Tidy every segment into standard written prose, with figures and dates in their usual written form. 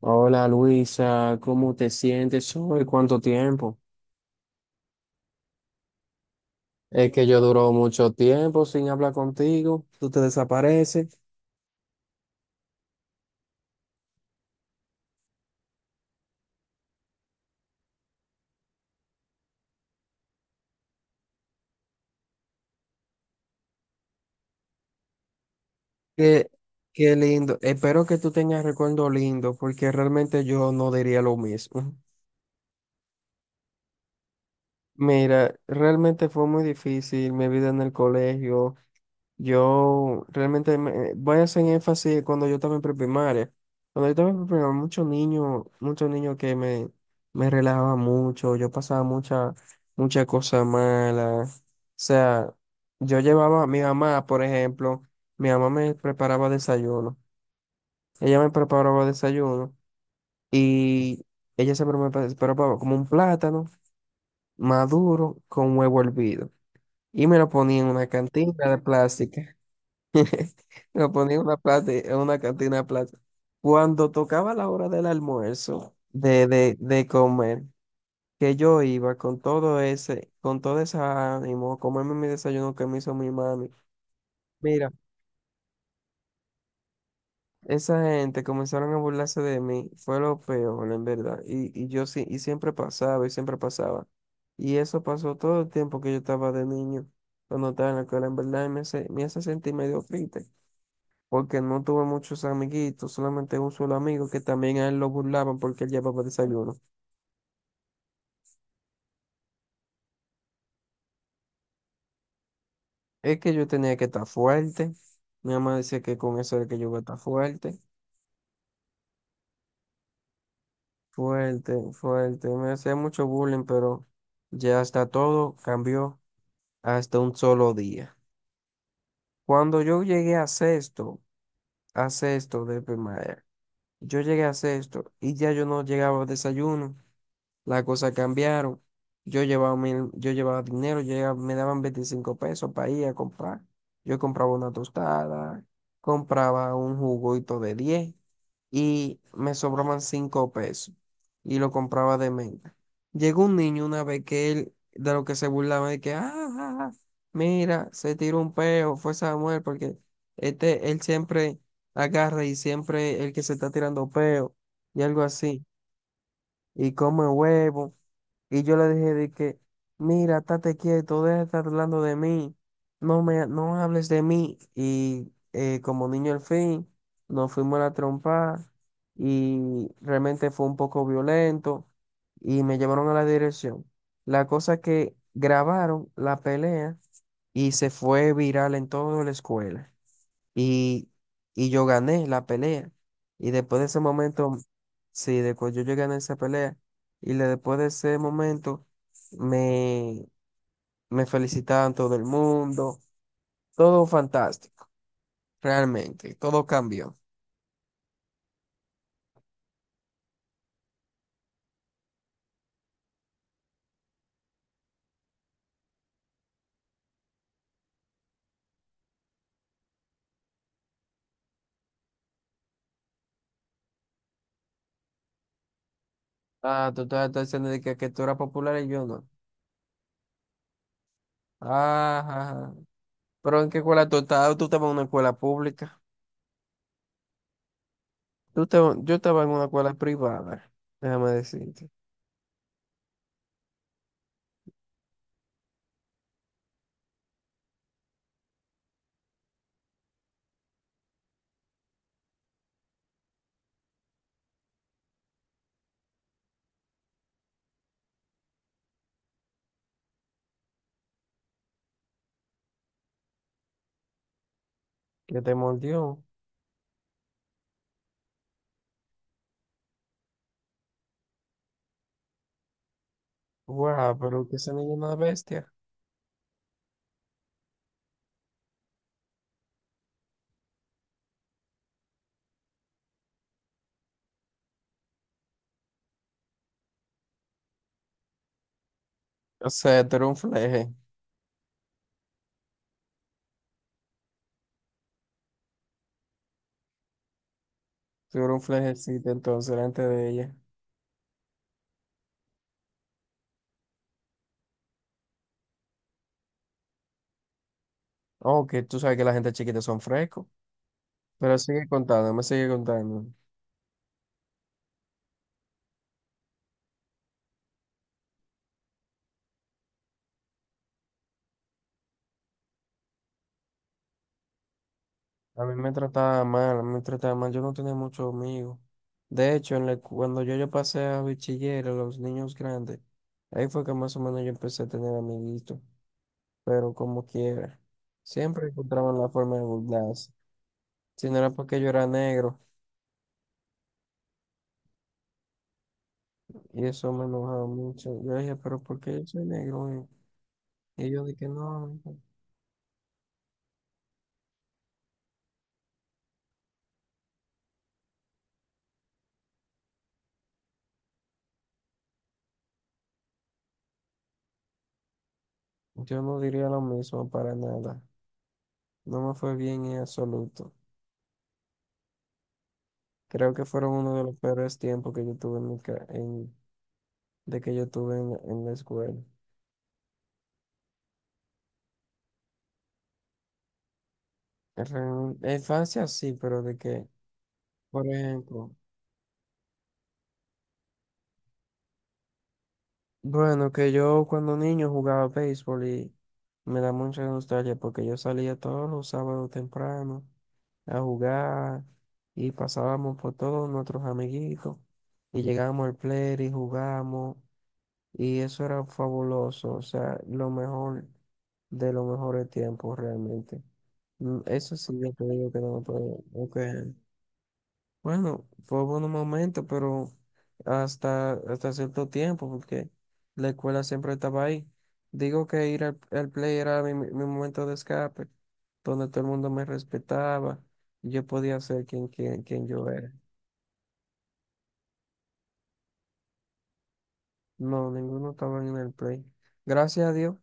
Hola Luisa, ¿cómo te sientes hoy? ¿Cuánto tiempo? Es que yo duró mucho tiempo sin hablar contigo, tú te desapareces. Qué, qué lindo. Espero que tú tengas recuerdo lindo, porque realmente yo no diría lo mismo. Mira, realmente fue muy difícil mi vida en el colegio. Yo realmente voy a hacer énfasis cuando yo estaba en preprimaria. Cuando yo estaba en preprimaria, muchos niños que me relajaban mucho, yo pasaba muchas cosas malas. O sea, yo llevaba a mi mamá, por ejemplo, mi mamá me preparaba desayuno. Ella me preparaba desayuno y ella siempre me preparaba como un plátano maduro con huevo hervido. Y me lo ponía en una cantina de plástico. Nos ponía una plaza, en una cantina de plata. Cuando tocaba la hora del almuerzo, de comer, que yo iba con todo ese, ánimo, a comerme mi desayuno que me hizo mi mami. Mira, esa gente comenzaron a burlarse de mí, fue lo peor, en verdad. Y yo sí, y siempre pasaba, y siempre pasaba. Y eso pasó todo el tiempo que yo estaba de niño, cuando estaba en la escuela, en verdad, y me hace sentir medio triste. Porque no tuve muchos amiguitos, solamente un solo amigo que también a él lo burlaban porque él llevaba desayuno. Es que yo tenía que estar fuerte, mi mamá decía que con eso era que yo iba a estar fuerte, fuerte, fuerte, me hacía mucho bullying, pero ya hasta todo cambió hasta un solo día. Cuando yo llegué a sexto de primaria, yo llegué a sexto y ya yo no llegaba a desayuno. Las cosas cambiaron. Yo llevaba, yo llevaba dinero, me daban 25 pesos para ir a comprar. Yo compraba una tostada, compraba un juguito de 10 y me sobraban 5 pesos y lo compraba de menta. Llegó un niño una vez que él, de lo que se burlaba, de que, ah, ah, ah, mira, se tiró un peo, fue Samuel, porque este, él siempre agarra y siempre el que se está tirando peo y algo así, y come huevo. Y yo le dije de que, mira, estate quieto, deja de estar hablando de mí, no hables de mí. Y como niño al fin, nos fuimos a la trompa y realmente fue un poco violento y me llevaron a la dirección. La cosa es que grabaron la pelea y se fue viral en toda la escuela. Y, y yo gané la pelea. Y después de ese momento, sí, después yo gané esa pelea. Después de ese momento, me, me felicitaban todo el mundo. Todo fantástico, realmente. Todo cambió. Ah, tú estás diciendo de que tú eras popular y yo no. Ah, ajá. Pero ¿en qué escuela tú estabas? Tú estabas en una escuela pública. Yo estaba en una escuela privada. Déjame decirte. Que te mordió. Guau, pero que esa niña es una bestia. O sea, tú eres un fleje. Tú eres un flejecito entonces delante de ella. Oh, que tú sabes que la gente chiquita son frescos. Pero sigue contando, me sigue contando. A mí me trataba mal, a mí me trataba mal. Yo no tenía muchos amigos. De hecho, cuando yo pasé a bachiller, a los niños grandes, ahí fue que más o menos yo empecé a tener amiguitos. Pero como quiera, siempre encontraban la forma de burlarse. Si no era porque yo era negro, y eso me enojaba mucho. Yo dije, pero ¿por qué yo soy negro? ¿eh? Y ellos dije, no. Yo no diría lo mismo para nada. No me fue bien en absoluto. Creo que fueron uno de los peores tiempos que yo tuve en de que yo tuve en la escuela. La infancia sí, pero de que, por ejemplo, bueno, que yo cuando niño jugaba béisbol y me da mucha nostalgia porque yo salía todos los sábados temprano a jugar y pasábamos por todos nuestros amiguitos y llegábamos al play y jugábamos. Y eso era fabuloso, o sea, lo mejor de los mejores tiempos realmente. Eso sí, yo te digo que no me puedo. Ok. Bueno, fue un momento, pero hasta cierto tiempo, porque la escuela siempre estaba ahí. Digo que ir al play era mi momento de escape, donde todo el mundo me respetaba y yo podía ser quien yo era. No, ninguno estaba en el play. Gracias a Dios,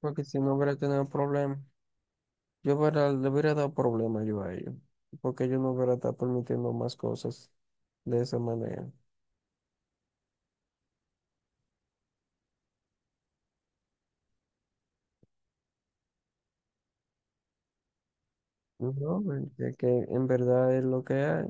porque si no hubiera tenido problemas. Yo hubiera, le hubiera dado problema yo a ellos, porque yo no hubiera estado permitiendo más cosas de esa manera. No, ya que en verdad es lo que hay.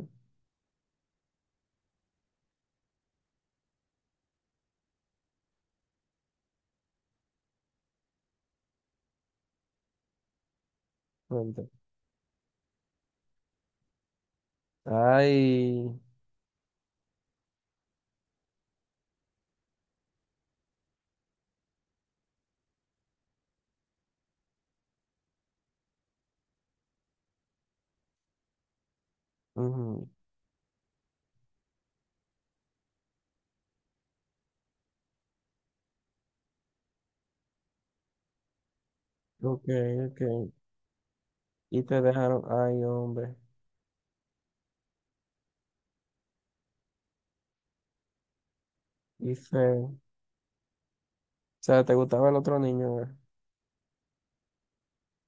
Cuenta. Ay, ujú, ok, ok. Y te dejaron, ay, hombre, y feo. O sea, te gustaba el otro niño, ¿verdad?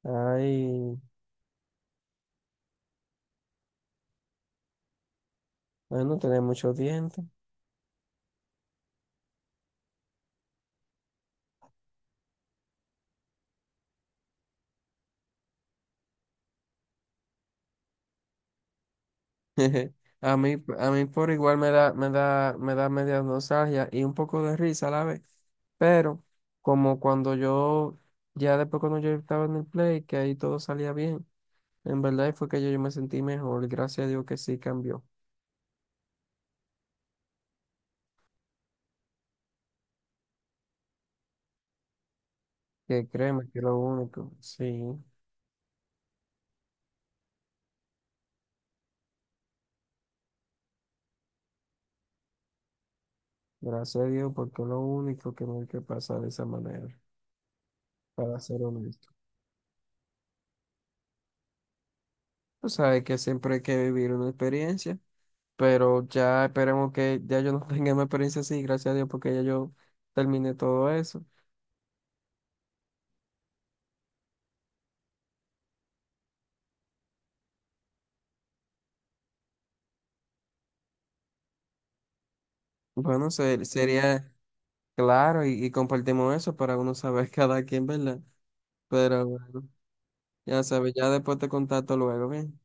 Ay, ay, no tenía muchos dientes. A mí por igual me da, me da media nostalgia y un poco de risa a la vez. Pero como cuando yo, ya después cuando yo estaba en el play, que ahí todo salía bien, en verdad fue que yo me sentí mejor, gracias a Dios que sí cambió, que créeme que es lo único, sí, gracias a Dios porque es lo único que no hay que pasar de esa manera, para ser honesto. Tú sabes que siempre hay que vivir una experiencia. Pero ya esperemos que ya yo no tenga más experiencia así, gracias a Dios, porque ya yo terminé todo eso. Bueno, sería claro y compartimos eso para uno saber cada quien, ¿verdad? Pero bueno, ya sabes, ya después te contacto luego, ¿bien?